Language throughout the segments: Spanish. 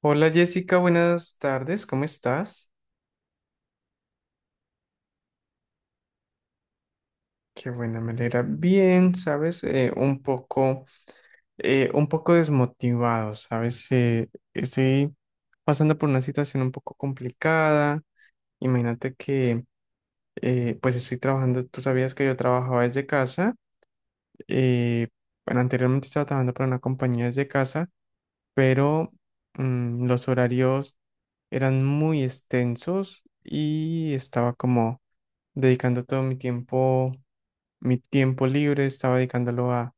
Hola Jessica, buenas tardes, ¿cómo estás? Qué buena, me alegra bien, ¿sabes? Un poco desmotivado, ¿sabes? Estoy pasando por una situación un poco complicada. Imagínate que, pues estoy trabajando, tú sabías que yo trabajaba desde casa. Eh, bueno, anteriormente estaba trabajando para una compañía desde casa, pero los horarios eran muy extensos y estaba como dedicando todo mi tiempo libre, estaba dedicándolo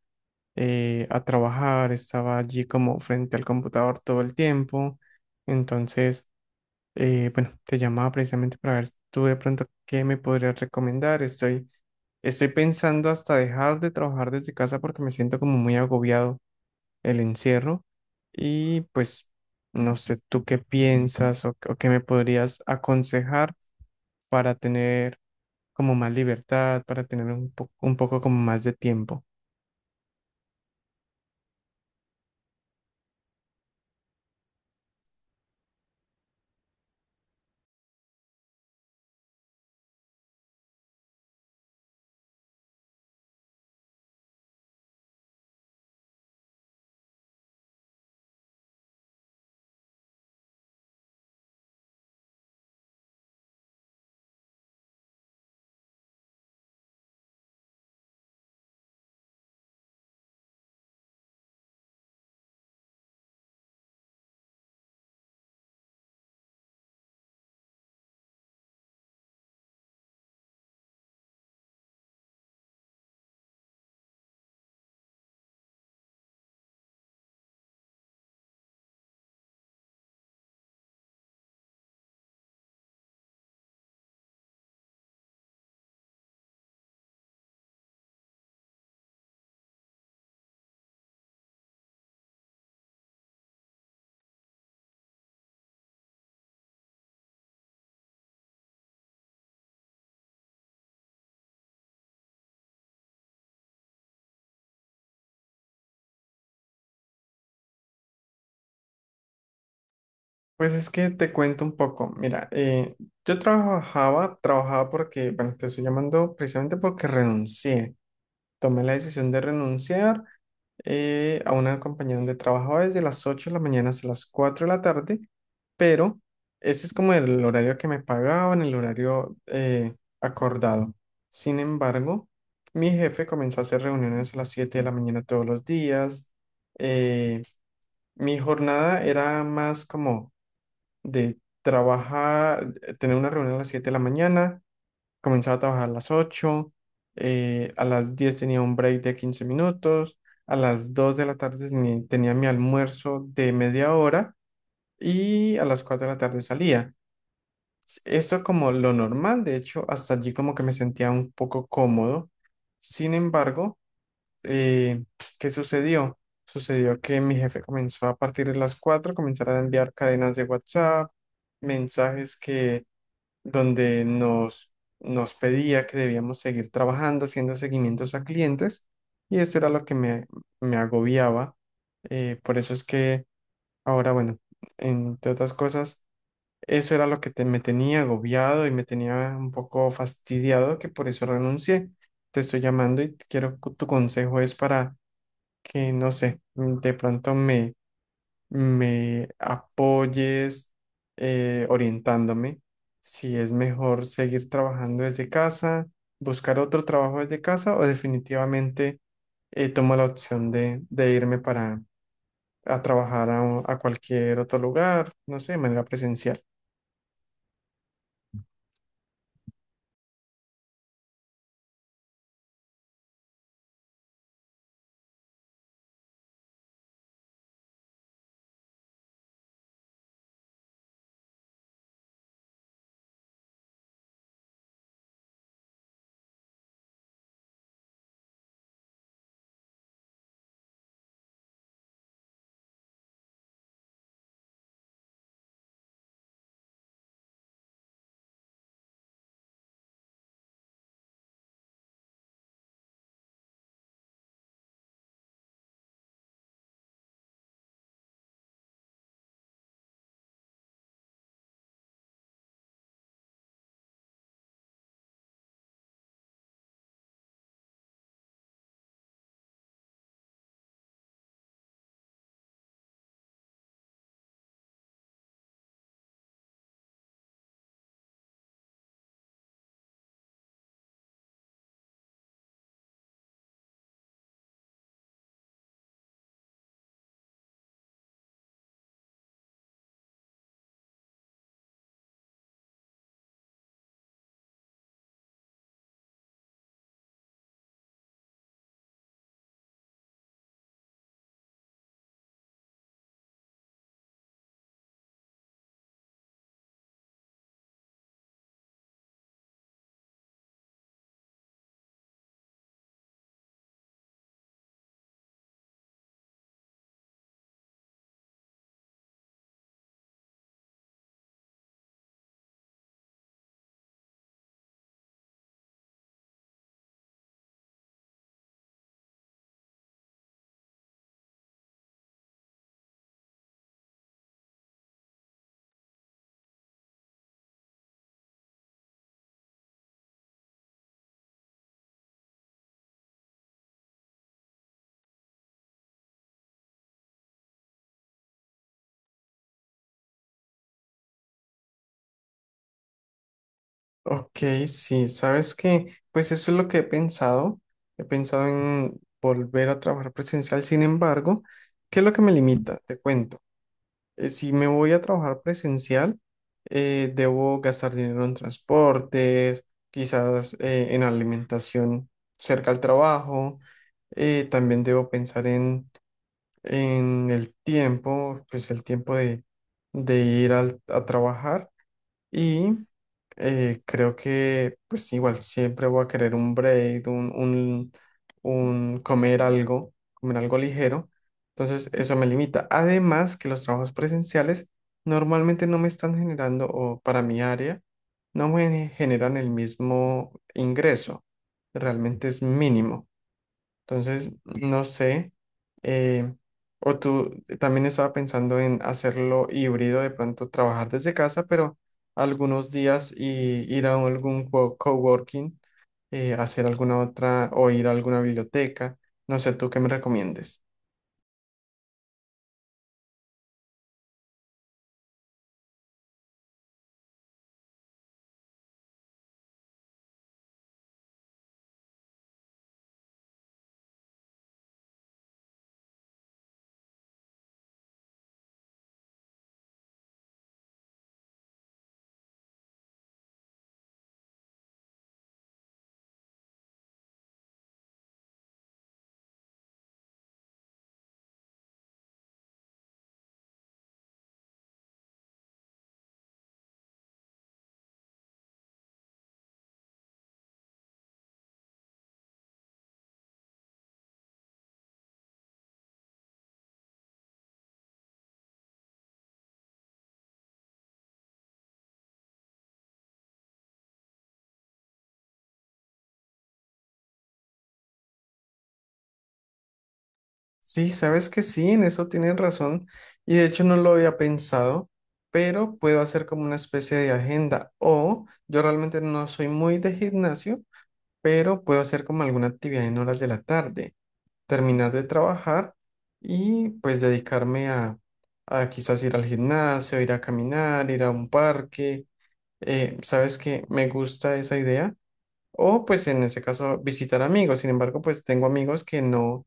a trabajar. Estaba allí como frente al computador todo el tiempo. Entonces, bueno, te llamaba precisamente para ver tú de pronto qué me podrías recomendar. Estoy pensando hasta dejar de trabajar desde casa porque me siento como muy agobiado el encierro, y pues no sé tú qué piensas, o qué me podrías aconsejar para tener como más libertad, para tener un poco como más de tiempo. Pues es que te cuento un poco. Mira, yo trabajaba porque, bueno, te estoy llamando precisamente porque renuncié. Tomé la decisión de renunciar a una compañía donde trabajaba desde las 8 de la mañana hasta las 4 de la tarde. Pero ese es como el horario que me pagaban, el horario acordado. Sin embargo, mi jefe comenzó a hacer reuniones a las 7 de la mañana todos los días. Eh, mi jornada era más como de trabajar, tener una reunión a las 7 de la mañana, comenzaba a trabajar a las 8, a las 10 tenía un break de 15 minutos, a las 2 de la tarde tenía mi almuerzo de 1/2 hora, y a las 4 de la tarde salía. Eso como lo normal, de hecho, hasta allí como que me sentía un poco cómodo. Sin embargo, eh, ¿qué sucedió? Sucedió que mi jefe comenzó a partir de las 4 comenzar a enviar cadenas de WhatsApp, mensajes que donde nos pedía que debíamos seguir trabajando, haciendo seguimientos a clientes, y esto era lo que me agobiaba. Por eso es que ahora, bueno, entre otras cosas, eso era lo que me tenía agobiado y me tenía un poco fastidiado, que por eso renuncié. Te estoy llamando y quiero tu consejo es para que no sé, de pronto me apoyes orientándome si es mejor seguir trabajando desde casa, buscar otro trabajo desde casa, o definitivamente tomo la opción de irme para a trabajar a, a cualquier otro lugar, no sé, de manera presencial. Ok, sí, sabes que pues eso es lo que he pensado. He pensado en volver a trabajar presencial. Sin embargo, ¿qué es lo que me limita? Te cuento. Si me voy a trabajar presencial, debo gastar dinero en transportes, quizás en alimentación cerca al trabajo. También debo pensar en el tiempo, pues el tiempo de ir a trabajar. Y creo que pues igual siempre voy a querer un break, un comer algo ligero. Entonces eso me limita. Además que los trabajos presenciales normalmente no me están generando, o para mi área, no me generan el mismo ingreso. Realmente es mínimo. Entonces, no sé, eh, o tú también estaba pensando en hacerlo híbrido, de pronto trabajar desde casa, pero algunos días, y ir a algún coworking, hacer alguna otra o ir a alguna biblioteca. No sé, ¿tú qué me recomiendes? Sí, sabes que sí, en eso tienen razón, y de hecho no lo había pensado, pero puedo hacer como una especie de agenda. O yo realmente no soy muy de gimnasio, pero puedo hacer como alguna actividad en horas de la tarde, terminar de trabajar y pues dedicarme a quizás ir al gimnasio, ir a caminar, ir a un parque. ¿Sabes qué? Me gusta esa idea. O pues en ese caso visitar amigos. Sin embargo, pues tengo amigos que no,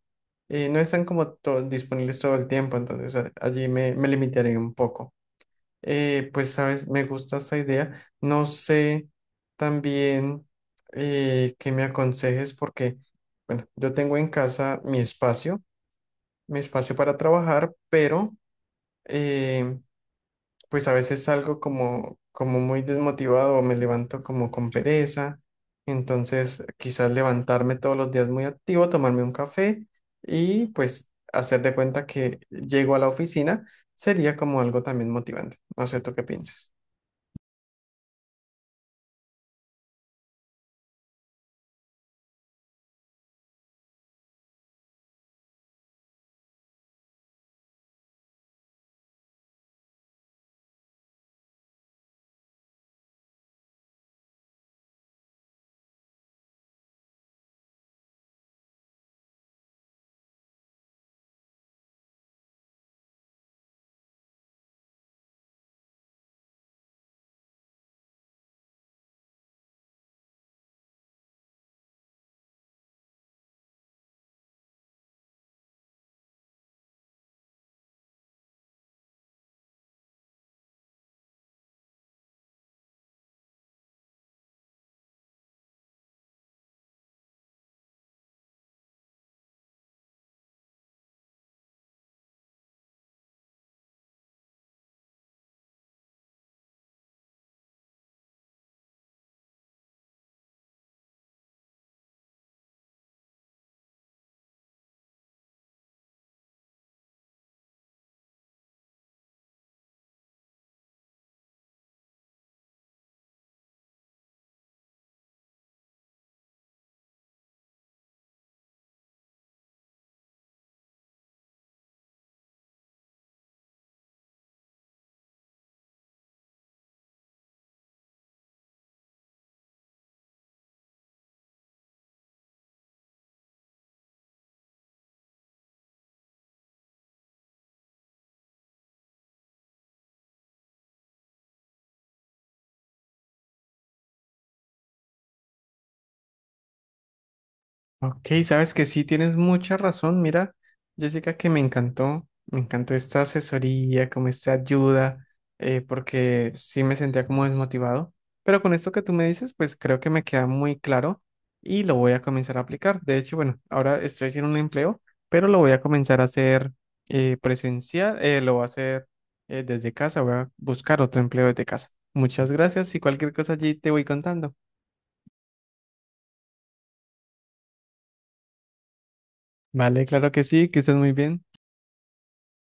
no están como disponibles todo el tiempo, entonces allí me limitaré un poco. Pues, sabes, me gusta esta idea. No sé también qué me aconsejes porque, bueno, yo tengo en casa mi espacio para trabajar, pero eh, pues a veces salgo como muy desmotivado o me levanto como con pereza. Entonces, quizás levantarme todos los días muy activo, tomarme un café y pues hacer de cuenta que llego a la oficina sería como algo también motivante. No sé, ¿tú qué piensas? Ok, sabes que sí, tienes mucha razón. Mira, Jessica, que me encantó esta asesoría, como esta ayuda, porque sí me sentía como desmotivado. Pero con esto que tú me dices, pues creo que me queda muy claro y lo voy a comenzar a aplicar. De hecho, bueno, ahora estoy sin un empleo, pero lo voy a comenzar a hacer presencial, lo voy a hacer desde casa, voy a buscar otro empleo desde casa. Muchas gracias, y cualquier cosa allí te voy contando. Vale, claro que sí, que estés muy bien.